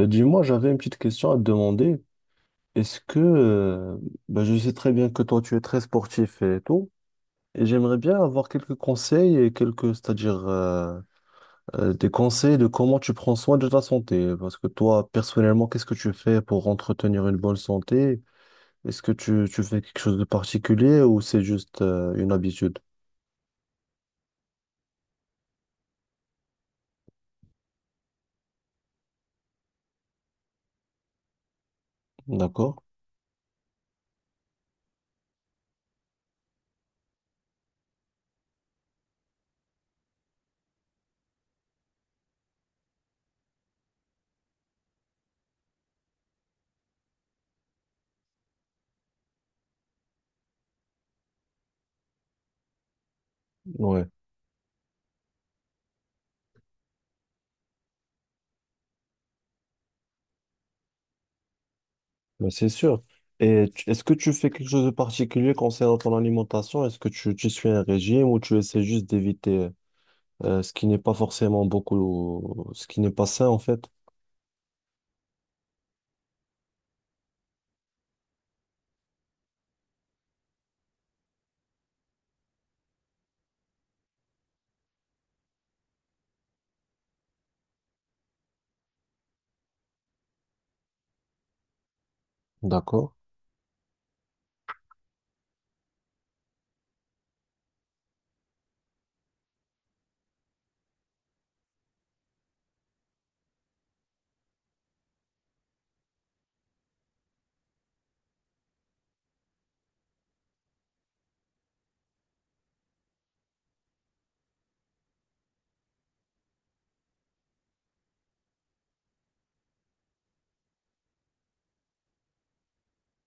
Dis-moi, j'avais une petite question à te demander. Est-ce que, euh, je sais très bien que toi, tu es très sportif et tout, et j'aimerais bien avoir quelques conseils et quelques, c'est-à-dire des conseils de comment tu prends soin de ta santé. Parce que toi, personnellement, qu'est-ce que tu fais pour entretenir une bonne santé? Est-ce que tu fais quelque chose de particulier ou c'est juste une habitude? D'accord? Ouais. Ben, c'est sûr. Et est-ce que tu fais quelque chose de particulier concernant ton alimentation? Est-ce que tu suis un régime ou tu essaies juste d'éviter ce qui n'est pas forcément beaucoup, ce qui n'est pas sain en fait? D'accord.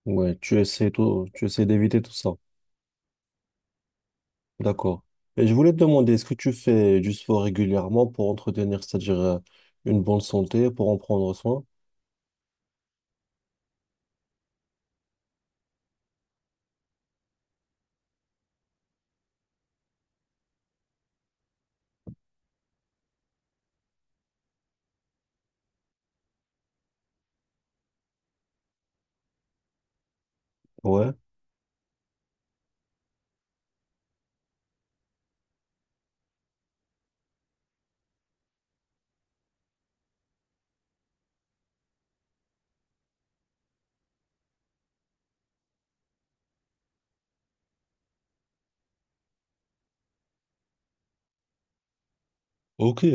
Ouais, tu essaies tout, tu essaies d'éviter tout ça. D'accord. Et je voulais te demander, est-ce que tu fais du sport régulièrement pour entretenir, c'est-à-dire une bonne santé, pour en prendre soin? Ouais. Ok.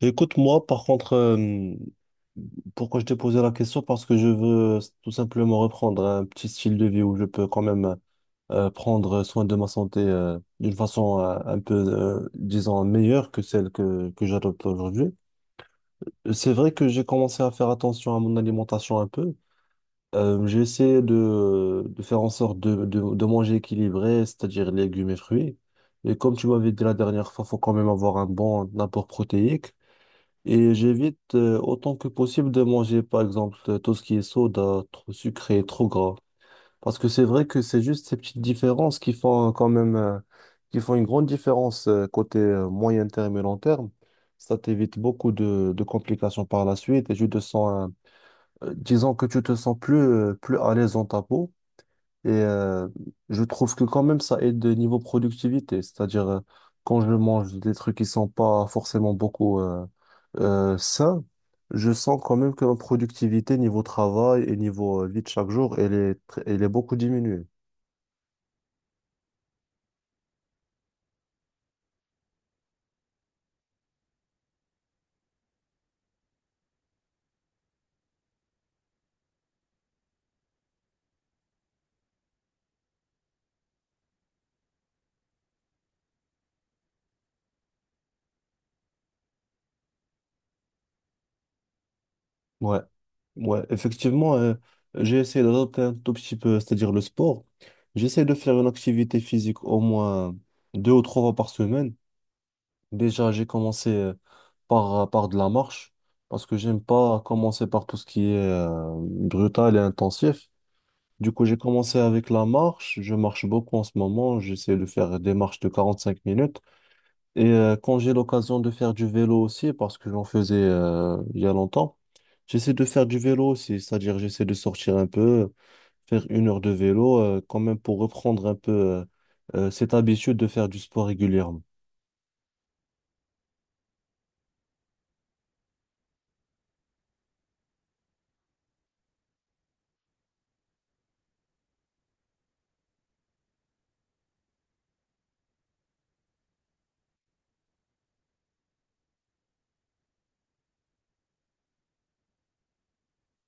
Écoute, moi, par contre, pourquoi je t'ai posé la question? Parce que je veux tout simplement reprendre un petit style de vie où je peux quand même prendre soin de ma santé d'une façon un peu, disons, meilleure que celle que j'adopte aujourd'hui. C'est vrai que j'ai commencé à faire attention à mon alimentation un peu. J'ai essayé de faire en sorte de manger équilibré, c'est-à-dire légumes et fruits. Et comme tu m'avais dit la dernière fois, faut quand même avoir un bon apport protéique. Et j'évite autant que possible de manger, par exemple, tout ce qui est soda, trop sucré, trop gras. Parce que c'est vrai que c'est juste ces petites différences qui font qui font une grande différence côté moyen terme et long terme. Ça t'évite beaucoup de complications par la suite et tu te sens, disons que tu te sens plus à l'aise dans ta peau. Et euh, je trouve que quand même ça aide niveau productivité, c'est-à-dire quand je mange des trucs qui sont pas forcément beaucoup sains, je sens quand même que ma productivité niveau travail et niveau vie de chaque jour, elle est beaucoup diminuée. Ouais, ouais, effectivement, j'ai essayé d'adopter un tout petit peu, c'est-à-dire le sport. J'essaie de faire une activité physique au moins 2 ou 3 fois par semaine. Déjà, j'ai commencé par de la marche parce que j'aime pas commencer par tout ce qui est brutal et intensif. Du coup, j'ai commencé avec la marche. Je marche beaucoup en ce moment. J'essaie de faire des marches de 45 minutes. Et quand j'ai l'occasion de faire du vélo aussi, parce que j'en faisais il y a longtemps, j'essaie de faire du vélo aussi, c'est-à-dire j'essaie de sortir un peu, faire 1 heure de vélo, quand même pour reprendre un peu cette habitude de faire du sport régulièrement.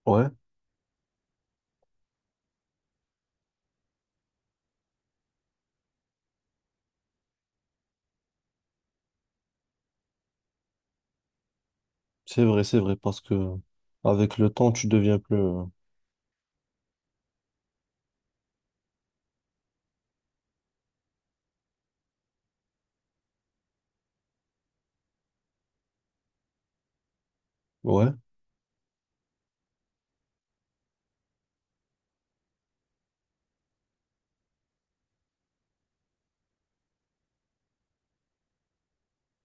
Ouais, c'est vrai, parce que avec le temps, tu deviens plus. Ouais,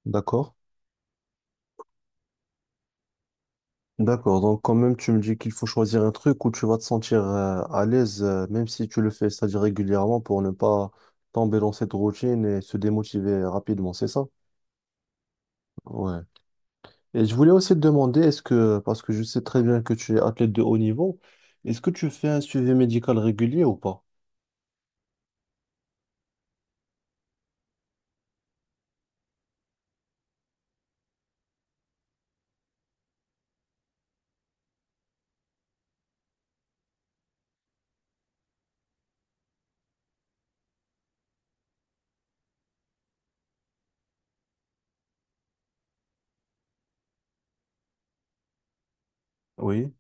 d'accord. D'accord, donc quand même tu me dis qu'il faut choisir un truc où tu vas te sentir à l'aise, même si tu le fais, c'est-à-dire régulièrement pour ne pas tomber dans cette routine et se démotiver rapidement, c'est ça? Ouais. Et je voulais aussi te demander, est-ce que, parce que je sais très bien que tu es athlète de haut niveau, est-ce que tu fais un suivi médical régulier ou pas? Oui,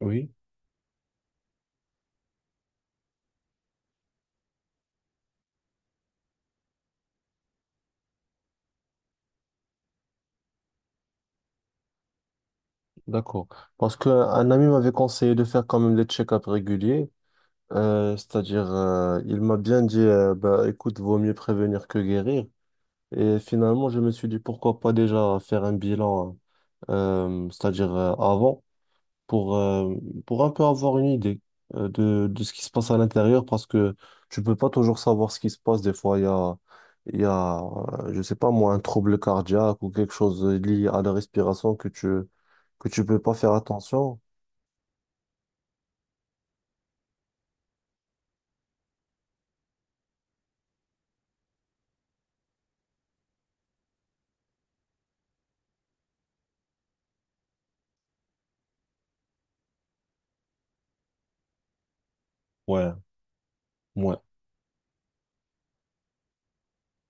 oui, d'accord. Parce qu'un ami m'avait conseillé de faire quand même des check-ups réguliers, c'est-à-dire il m'a bien dit, bah, écoute, vaut mieux prévenir que guérir. Et finalement, je me suis dit pourquoi pas déjà faire un bilan, c'est-à-dire avant, pour, euh, pour un peu avoir une idée de ce qui se passe à l'intérieur, parce que tu peux pas toujours savoir ce qui se passe. Des fois, il y a, je sais pas moi, un trouble cardiaque ou quelque chose lié à la respiration que tu peux pas faire attention. Ouais, ouais.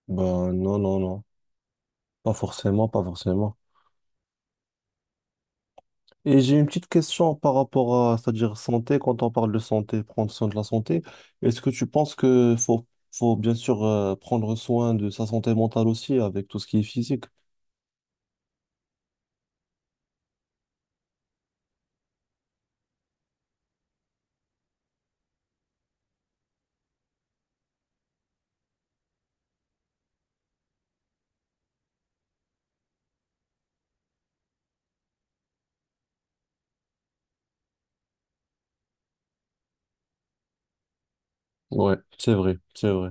Ben non, non, non. Pas forcément, pas forcément. Et j'ai une petite question par rapport à, c'est-à-dire santé, quand on parle de santé, prendre soin de la santé, est-ce que tu penses que faut bien sûr prendre soin de sa santé mentale aussi avec tout ce qui est physique? Ouais, c'est vrai, c'est vrai.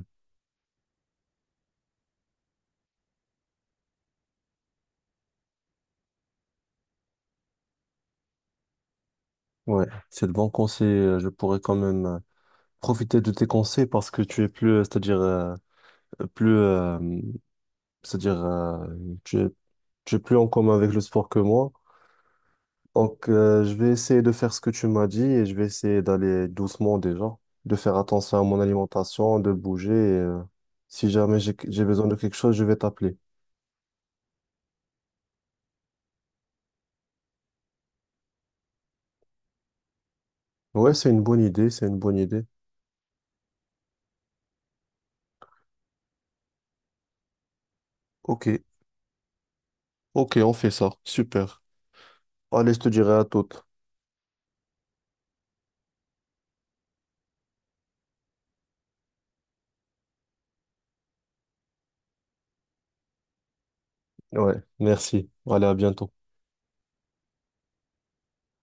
Ouais, c'est le bon conseil. Je pourrais quand même profiter de tes conseils parce que tu es plus, c'est-à-dire plus, c'est-à-dire tu es, tu es plus en commun avec le sport que moi. Donc, je vais essayer de faire ce que tu m'as dit et je vais essayer d'aller doucement déjà, de faire attention à mon alimentation, de bouger. Et si jamais j'ai besoin de quelque chose, je vais t'appeler. Ouais, c'est une bonne idée, c'est une bonne idée. Ok, ok, on fait ça. Super. Allez, je te dirai à toutes. Ouais, merci. Allez, à bientôt.